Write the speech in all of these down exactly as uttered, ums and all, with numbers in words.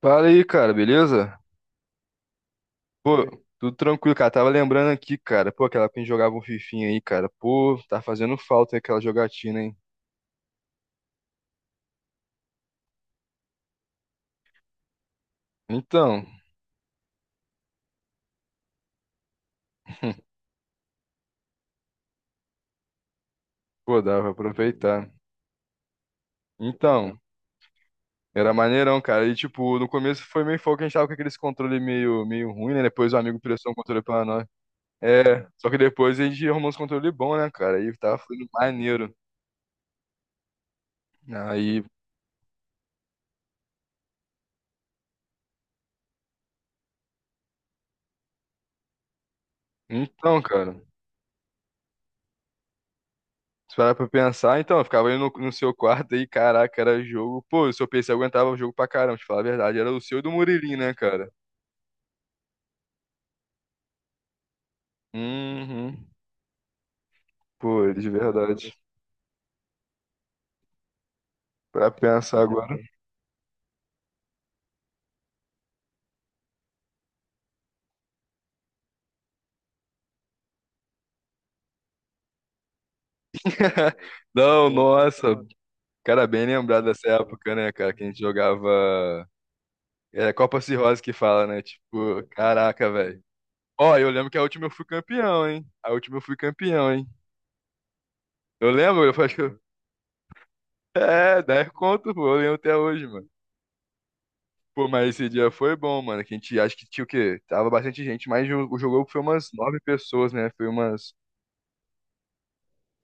Fala aí, cara, beleza? Pô, tudo tranquilo, cara. Tava lembrando aqui, cara. Pô, aquela época que a gente jogava um fifinha aí, cara. Pô, tá fazendo falta aquela jogatina, hein? Então, pô, dava pra aproveitar. Então, era maneirão, cara. E, tipo, no começo foi meio foco, a gente tava com aqueles controle meio, meio ruim, né? Depois o amigo prestou um controle pra nós. É, só que depois a gente arrumou uns controle bom, né, cara? Aí tava fluindo maneiro. Aí, então, cara. Se parar pra pensar, então, eu ficava ali no, no seu quarto aí, caraca, era jogo. Pô, o seu P C aguentava o jogo pra caramba, te falar a verdade. Era o seu e do Murilinho, né, cara? Uhum. Pô, de verdade. Pra pensar agora. Não, nossa. Cara, bem lembrado dessa época, né, cara? Que a gente jogava. É Copa Cirrose que fala, né? Tipo, caraca, velho. Ó, eu lembro que a última eu fui campeão, hein? A última eu fui campeão, hein? Eu lembro, eu acho que. eu- É, dez conto, pô, eu lembro até hoje, mano. Pô, mas esse dia foi bom, mano. Que a gente acho que tinha o quê? Tava bastante gente, mas o o jogo foi umas nove pessoas, né? Foi umas.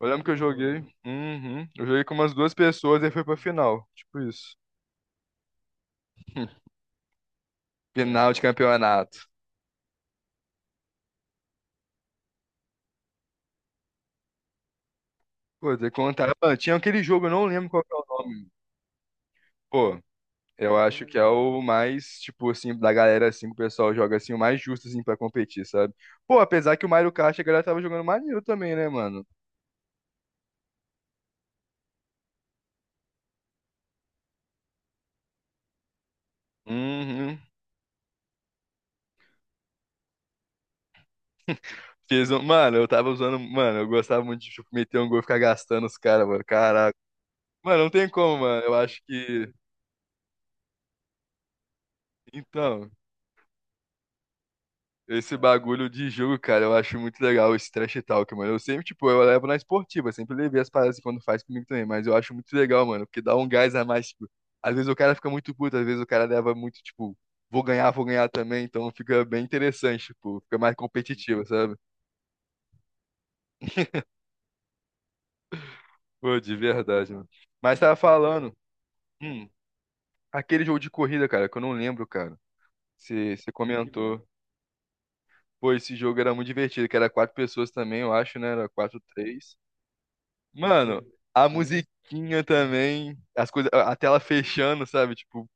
Eu lembro que eu joguei. Uhum. Eu joguei com umas duas pessoas e foi pra final. Tipo isso. Final de campeonato. Pô, de contar. Mano, tinha aquele jogo, eu não lembro qual que é o nome. Pô, eu acho que é o mais, tipo assim, da galera assim, que o pessoal joga assim, o mais justo assim pra competir, sabe? Pô, apesar que o Mario Kart a galera tava jogando maneiro também, né, mano? Uhum. Fiz um... Mano, eu tava usando. Mano, eu gostava muito de tipo, meter um gol e ficar gastando os caras, mano. Caraca. Mano, não tem como, mano. Eu acho que. Então, esse bagulho de jogo, cara, eu acho muito legal esse trash talk, mano. Eu sempre, tipo, eu levo na esportiva, sempre levei as paradas quando faz comigo também. Mas eu acho muito legal, mano, porque dá um gás a mais, tipo. Às vezes o cara fica muito puto, às vezes o cara leva muito, tipo, vou ganhar, vou ganhar também. Então fica bem interessante, tipo, fica mais competitivo, sabe? Pô, de verdade, mano. Mas tava falando. hum, Aquele jogo de corrida, cara, que eu não lembro, cara. Você você comentou. Pô, esse jogo era muito divertido, que era quatro pessoas também, eu acho, né? Era quatro, três. Mano, a musiquinha também, as coisas, a a tela fechando, sabe? Tipo,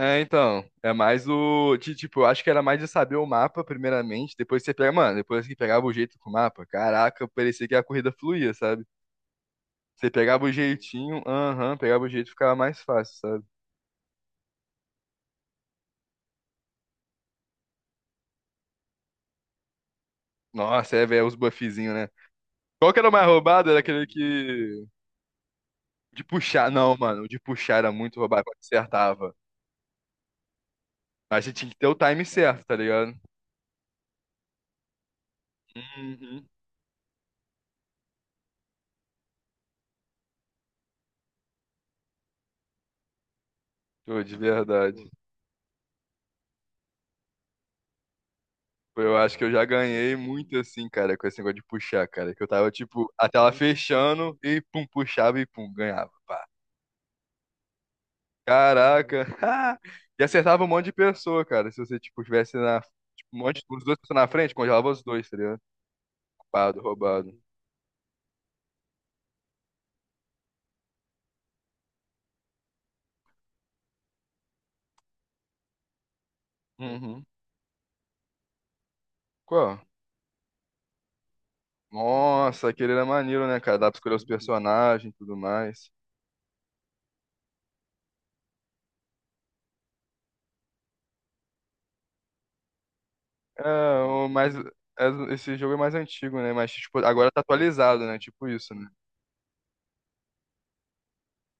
é, então, é mais o, de, tipo, eu acho que era mais de saber o mapa, primeiramente, depois você pega, mano, depois que pegava o jeito com o mapa, caraca, parecia que a corrida fluía, sabe? Você pegava o jeitinho, aham, pegava o jeito, ficava mais fácil, sabe? Nossa, é, velho, os buffzinhos, né? Qual que era o mais roubado? Era aquele que De puxar, não, mano. De puxar era muito roubado, quando acertava. Mas a gente tinha que ter o time certo, tá ligado? Uhum. Pô, de verdade. Pô, eu acho que eu já ganhei muito assim, cara, com esse negócio de puxar, cara. Que eu tava, tipo, a tela fechando e pum, puxava e pum, ganhava. Pá. Caraca. E acertava um monte de pessoa, cara. Se você, tipo, tivesse na. Tipo, um monte de. Os dois pessoas na frente, congelava os dois, tá ligado? Roubado, roubado. Uhum. Qual? Nossa, aquele era maneiro, né, cara? Dá pra escolher os personagens e tudo mais. É, o mais, é- esse jogo é mais antigo, né? Mas, tipo, agora tá atualizado, né? Tipo isso, né?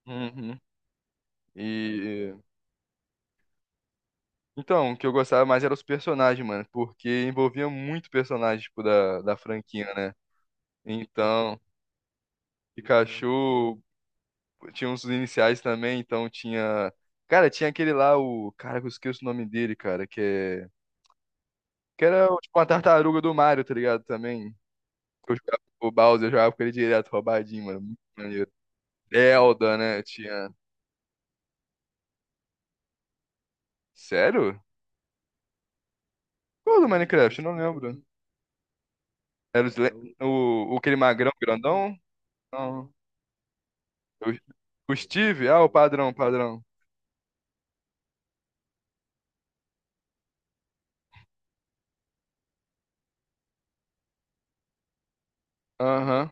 Uhum. E. Então, o que eu gostava mais era os personagens, mano. Porque envolvia muito personagem, tipo, da, da franquia, né? Então, Pikachu, tinha uns iniciais também, então tinha. Cara, tinha aquele lá, o. Cara, que eu esqueço o nome dele, cara, que é. Que era tipo uma tartaruga do Mario, tá ligado? Também. Eu jogava com o Bowser, eu jogava com ele direto, roubadinho, mano. Muito maneiro. Zelda, né? Tinha. Sério? Qual do Minecraft? Eu não lembro. Era o, Sla- É o- o, o aquele magrão grandão? Não. O, o Steve? Ah, o padrão, padrão. Aham.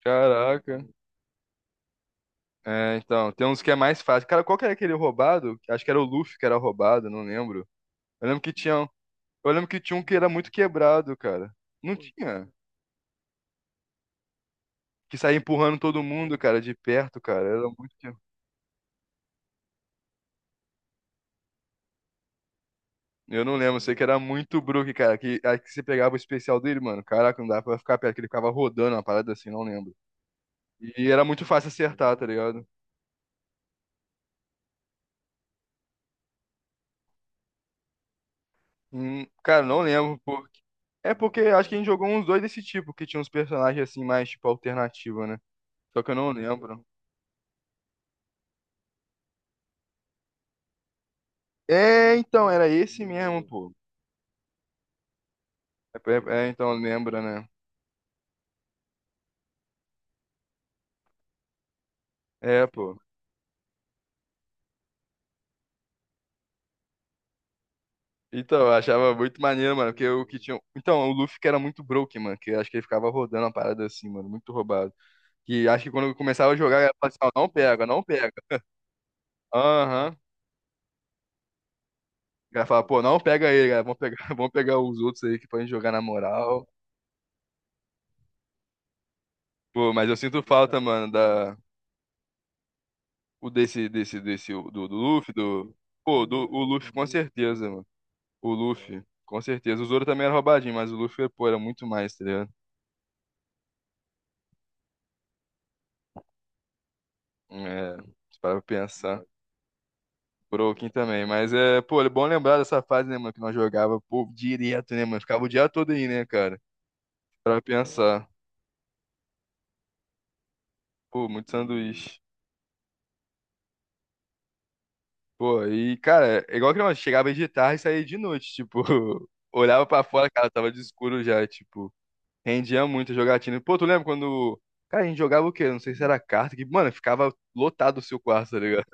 Caraca. É, então, tem uns que é mais fácil. Cara, qual que era aquele roubado? Acho que era o Luffy que era roubado, não lembro. Eu lembro que tinha, um- eu lembro que tinha um que era muito quebrado, cara. Não tinha. Que saía empurrando todo mundo, cara, de perto, cara. Era muito. que- Eu não lembro, eu sei que era muito Brook, cara. Que, aí que você pegava o especial dele, mano. Caraca, não dava pra ficar perto, que ele ficava rodando uma parada assim, não lembro. E era muito fácil acertar, tá ligado? Hum, cara, não lembro porque. É porque acho que a gente jogou uns dois desse tipo, que tinha uns personagens assim, mais tipo alternativa, né? Só que eu não lembro. É, então, era esse mesmo, pô. É, é, é, então, lembra, né? É, pô. Então, eu achava muito maneiro, mano, porque o que tinha. Então, o Luffy que era muito broke, mano, que eu acho que ele ficava rodando a parada assim, mano, muito roubado. Que acho que quando eu começava a jogar, eu falava assim, ó, não pega, não pega. Aham. O cara fala, pô, não pega ele, cara. Vamos pegar, vamos pegar os outros aí que podem jogar na moral. Pô, mas eu sinto falta, mano, da o desse desse desse do, do Luffy, do pô, do o Luffy com certeza, mano. O Luffy, com certeza. O Zoro também era roubadinho, mas o Luffy, pô, era muito mais, tá ligado? É, se parar pra pensar. O Broken também, mas é, pô, é bom lembrar dessa fase, né, mano, que nós jogava, pô, direto, né, mano? Ficava o dia todo aí, né, cara? Pra pensar. Pô, muito sanduíche. Pô, e, cara, é igual que nós chegava aí de tarde e saía de noite, tipo, olhava pra fora, cara, tava de escuro já, tipo. Rendia muito jogatina. Pô, tu lembra quando. Cara, a gente jogava o quê? Não sei se era carta, que, mano, ficava lotado o seu quarto, tá ligado?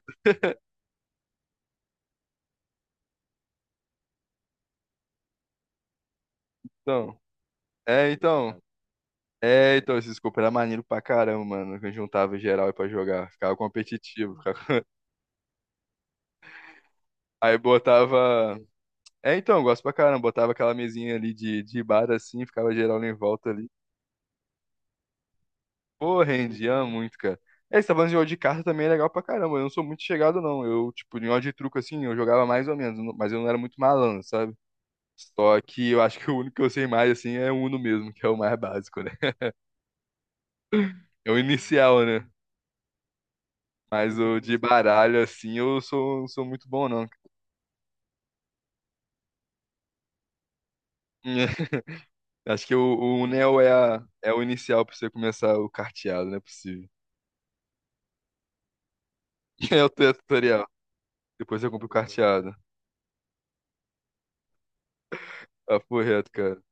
Então, é, então. É, então, esse scope era maneiro pra caramba, mano. Que a gente juntava em geral aí pra jogar. Ficava competitivo. ficava- Aí botava. É, então, eu gosto pra caramba. Botava aquela mesinha ali de, de bar assim, ficava geral em volta ali. Pô, rendia muito, cara. É, esse falando de jogo de carta também é legal pra caramba. Eu não sou muito chegado, não. Eu, tipo, em jogo de truco assim, eu jogava mais ou menos, mas eu não era muito malandro, sabe? Só que eu acho que o único que eu sei mais, assim, é o Uno mesmo, que é o mais básico, né? É o inicial, né? Mas o de baralho, assim, eu sou, não sou muito bom, não. Acho que o, o Uno é, o- é a- é o inicial pra você começar o carteado, não é possível. É o tutorial. Depois você compra o carteado. Papo reto, cara.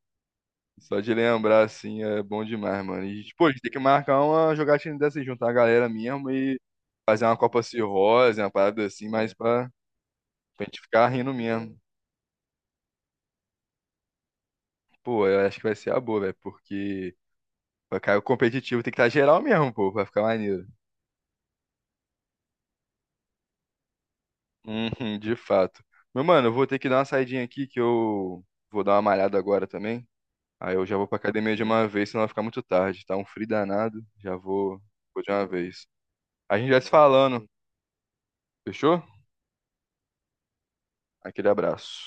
Só de lembrar, assim, é bom demais, mano. E, pô, a gente tem que marcar uma jogatina dessa, aí, juntar a galera mesmo e fazer uma Copa Cirrose, uma parada assim, mas pra, pra gente ficar rindo mesmo. Pô, eu acho que vai ser a boa, velho, porque pra cair o competitivo tem que estar geral mesmo, pô, pra ficar maneiro. Uhum, de fato. Meu mano, eu vou ter que dar uma saidinha aqui que eu vou dar uma malhada agora também. Aí eu já vou pra academia de uma vez, senão vai ficar muito tarde. Tá um frio danado, já vou, vou de uma vez. A gente vai se falando, fechou? Aquele abraço.